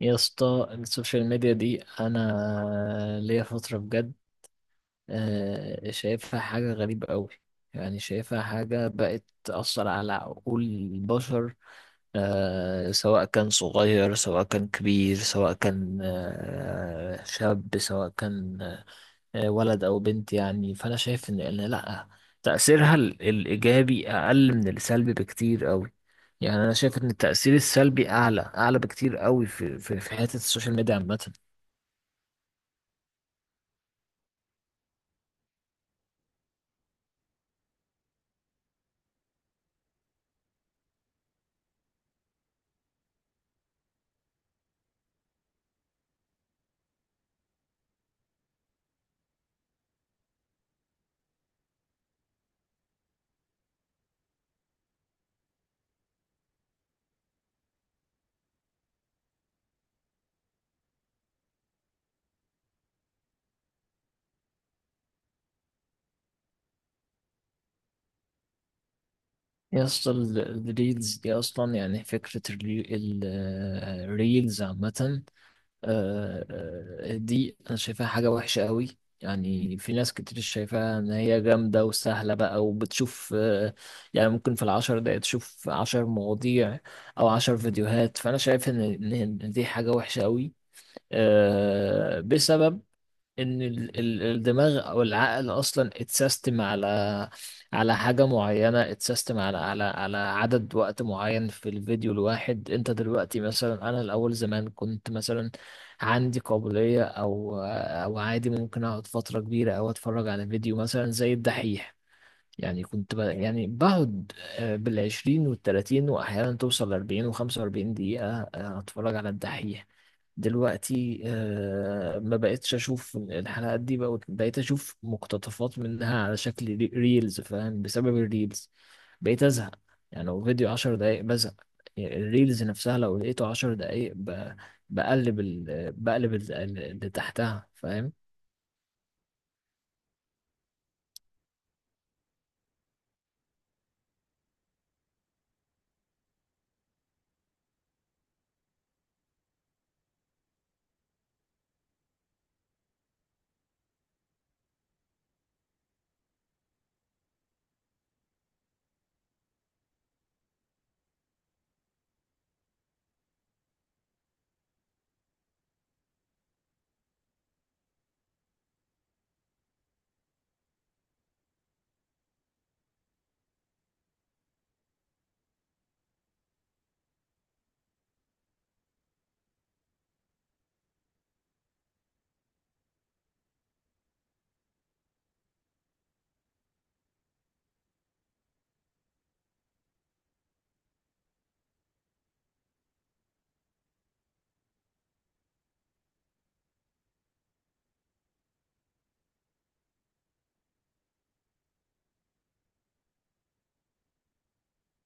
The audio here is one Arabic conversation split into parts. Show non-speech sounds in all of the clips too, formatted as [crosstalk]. يا اسطى السوشيال ميديا دي انا ليا فتره بجد، شايفها حاجه غريبه قوي. يعني شايفها حاجه بقت تاثر على عقول البشر، سواء كان صغير سواء كان كبير سواء كان شاب سواء كان ولد او بنت. يعني فانا شايف ان إن لا تأثيرها الايجابي اقل من السلبي بكتير قوي. يعني انا شايف ان التأثير السلبي اعلى اعلى بكتير قوي في حتة السوشيال ميديا عامة. يا اسطى الريلز دي اصلا، يعني فكرة الريلز عامة، آه، دي انا شايفاها حاجة وحشة قوي. يعني في ناس كتير شايفاها ان هي جامدة وسهلة بقى وبتشوف، يعني ممكن في ال10 دقايق تشوف 10 مواضيع او 10 فيديوهات. فانا شايف ان إن دي حاجة وحشة قوي، بسبب ان الدماغ او العقل اصلا اتسيستم على على حاجه معينه، اتسيستم على عدد وقت معين في الفيديو الواحد. انت دلوقتي مثلا، انا الاول زمان كنت مثلا عندي قابليه او عادي ممكن اقعد فتره كبيره او اتفرج على فيديو مثلا زي الدحيح. يعني كنت يعني بقعد، بال20 والـ30، وأحيانا توصل ل40 و45 دقيقة، أتفرج على الدحيح. دلوقتي ما بقتش اشوف الحلقات دي، بقى بقيت اشوف مقتطفات منها على شكل ريلز فاهم. بسبب الريلز بقيت ازهق. يعني لو فيديو 10 دقايق بزهق. يعني الريلز نفسها لو لقيته 10 دقايق بقلب ال... بقلب ال- اللي تحتها فاهم.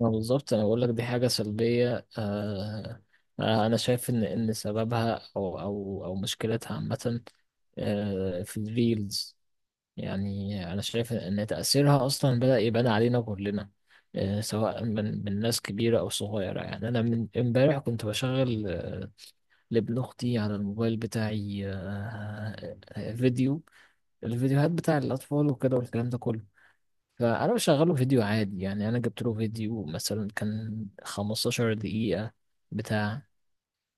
ما بالظبط انا بقول لك دي حاجة سلبية، انا شايف ان ان سببها او مشكلتها عامة، في الريلز. يعني أنا شايف إن تأثيرها أصلا بدأ يبان علينا كلنا، سواء من ناس كبيرة أو صغيرة. يعني أنا من إمبارح كنت بشغل، لابن أختي على الموبايل بتاعي، فيديو، الفيديوهات بتاع الأطفال وكده والكلام ده كله. فأنا بشغله فيديو عادي، يعني أنا جبت له فيديو مثلا كان 15 دقيقة بتاع.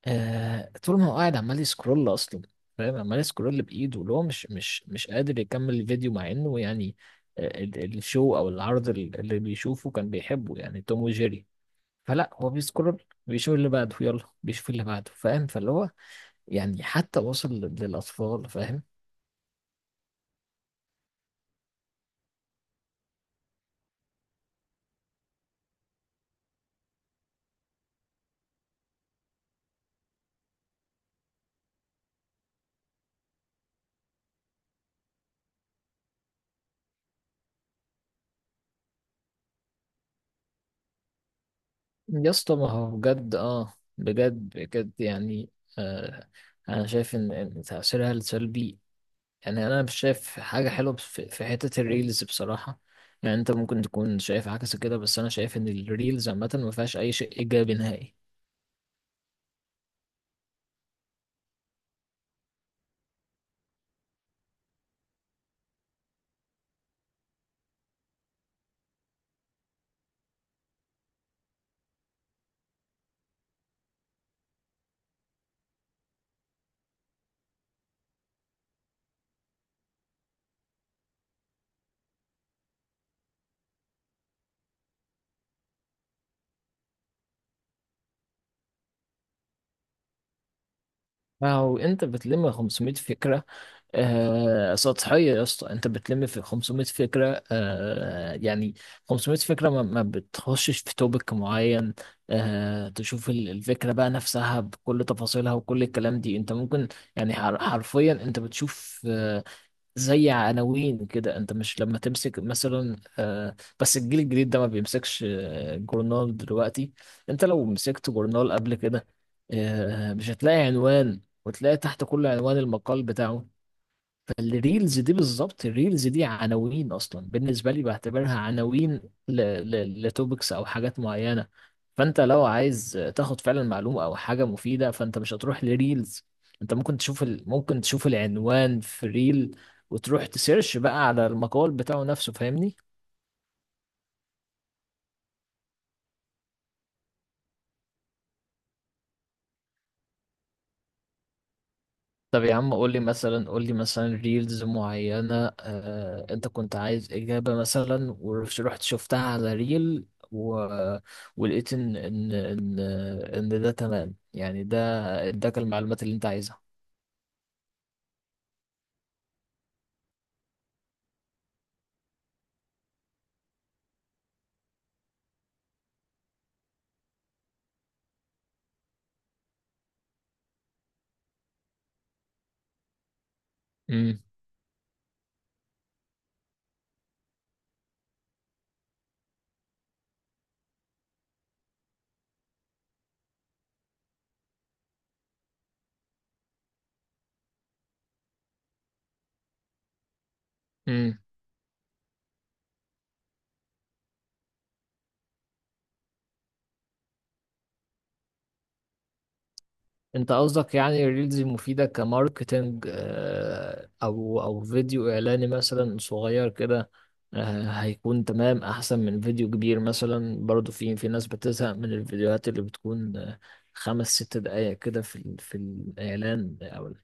آه طول ما هو قاعد عمال يسكرول اصلا، فاهم، عمال يسكرول بايده، اللي هو مش قادر يكمل الفيديو، مع انه يعني الشو او العرض اللي بيشوفه كان بيحبه، يعني توم وجيري. فلا هو بيسكرول بيشوف اللي بعده، يلا بيشوف اللي بعده فاهم. فاللي هو يعني حتى وصل للاطفال فاهم. يا اسطى ما هو بجد اه بجد بجد يعني، آه انا شايف ان إن تاثيرها السلبي. يعني انا مش شايف حاجه حلوه بس في حته الريلز بصراحه. يعني انت ممكن تكون شايف عكس كده، بس انا شايف ان الريلز عامه ما فيهاش اي شيء ايجابي نهائي. فهو انت بتلم 500 فكره، سطحيه يا اسطى. انت بتلم في 500 فكره، يعني 500 فكره ما بتخشش في توبك معين. آه تشوف الفكره بقى نفسها بكل تفاصيلها وكل الكلام دي. انت ممكن يعني حرفيا انت بتشوف، زي عناوين كده. انت مش لما تمسك مثلا، بس الجيل الجديد ده ما بيمسكش، جورنال دلوقتي. انت لو مسكت جورنال قبل كده، مش هتلاقي عنوان وتلاقي تحت كل عنوان المقال بتاعه. فالريلز دي بالظبط، الريلز دي عناوين اصلا، بالنسبه لي بعتبرها عناوين لتوبكس او حاجات معينه. فانت لو عايز تاخد فعلا معلومه او حاجه مفيده فانت مش هتروح لريلز. انت ممكن تشوف ممكن تشوف العنوان في ريل، وتروح تسيرش بقى على المقال بتاعه نفسه فاهمني. طب يا عم قول لي مثلا، قول لي مثلا ريلز معينة، انت كنت عايز إجابة مثلا ورحت شفتها على ريل، و... ولقيت ان ان ده تمام، يعني ده اداك المعلومات اللي انت عايزها. امم انت قصدك يعني الريلز المفيدة كماركتينج، او او فيديو اعلاني مثلا صغير كده، هيكون تمام احسن من فيديو كبير، مثلا. برضو في ناس بتزهق من الفيديوهات اللي بتكون، 5 6 دقايق كده في في الاعلان او.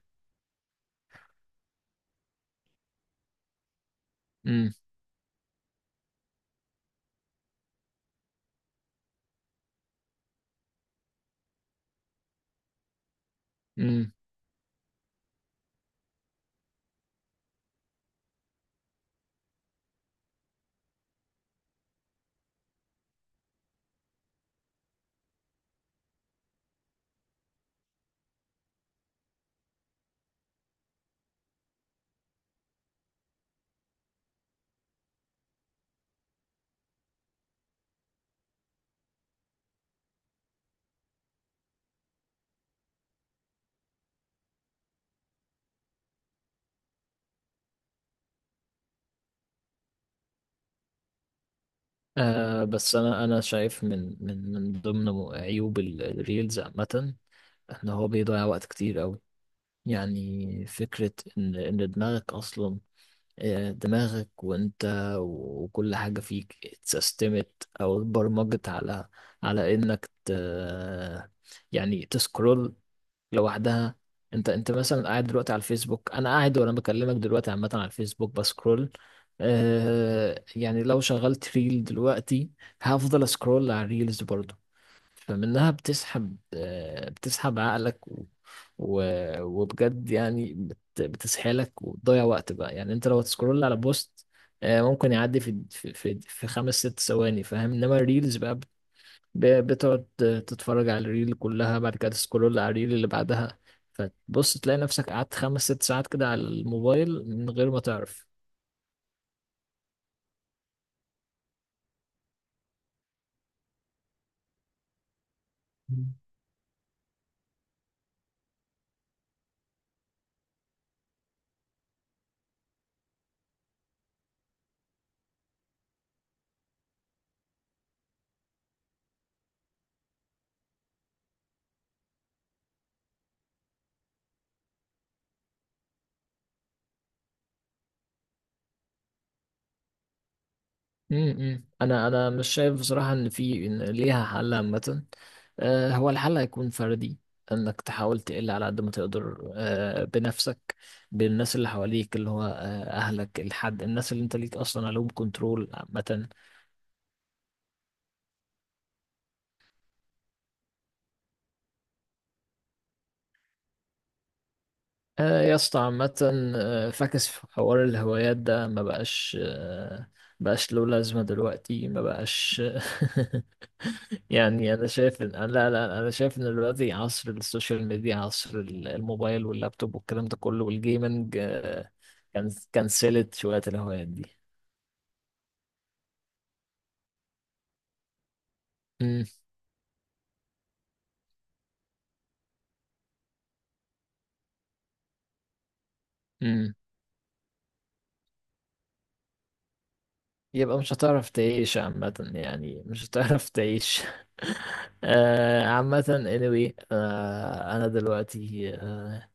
امم امم بس انا انا شايف من ضمن عيوب الريلز عامة ان هو بيضيع وقت كتير قوي. يعني فكرة إن إن دماغك أصلا، دماغك وانت وكل حاجة فيك اتسيستمت او اتبرمجت على، على انك يعني تسكرول لوحدها. انت انت مثلا قاعد دلوقتي على الفيسبوك، انا قاعد وانا بكلمك دلوقتي عامة على الفيسبوك بسكرول. يعني لو شغلت ريل دلوقتي هفضل اسكرول على الريلز برضو. فمنها بتسحب، بتسحب عقلك و... وبجد يعني بتسحلك وتضيع وقت بقى. يعني انت لو تسكرول على بوست، ممكن يعدي في 5 6 ثواني فاهم، انما الريلز بقى بتقعد تتفرج على الريل كلها، بعد كده تسكرول على الريل اللي بعدها. فتبص تلاقي نفسك قعدت 5 6 ساعات كده على الموبايل من غير ما تعرف. انا انا مش شايف بصراحه ان في إن ليها حل عامه. هو الحل هيكون فردي، انك تحاول تقل على قد ما تقدر، بنفسك بالناس اللي حواليك، اللي هو، اهلك، الحد الناس اللي انت ليك اصلا عليهم كنترول عامه. يا اسطى عامه، فاكس في حوار الهوايات ده ما بقاش، بقاش له لازمه دلوقتي ما بقاش [laughs] يعني انا شايف ان لا لا لا، انا شايف ان دلوقتي عصر السوشيال ميديا، عصر الموبايل واللابتوب والكلام ده كله والجيمنج، كان كنسلت شوية الهوايات دي. امم امم يبقى مش هتعرف تعيش عامة، يعني مش هتعرف تعيش. [laughs] عامة anyway. انا دلوقتي، آه،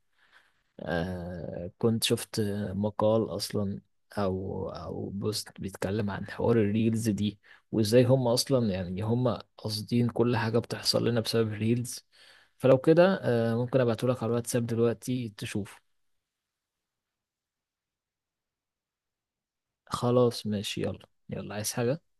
آه كنت شفت مقال اصلا، او او بوست بيتكلم عن حوار الريلز دي، وازاي هم اصلا يعني هم قاصدين كل حاجة بتحصل لنا بسبب الريلز. فلو كده ممكن ابعتهولك على الواتساب دلوقتي تشوف. خلاص ماشي يلا يلا عايز حاجة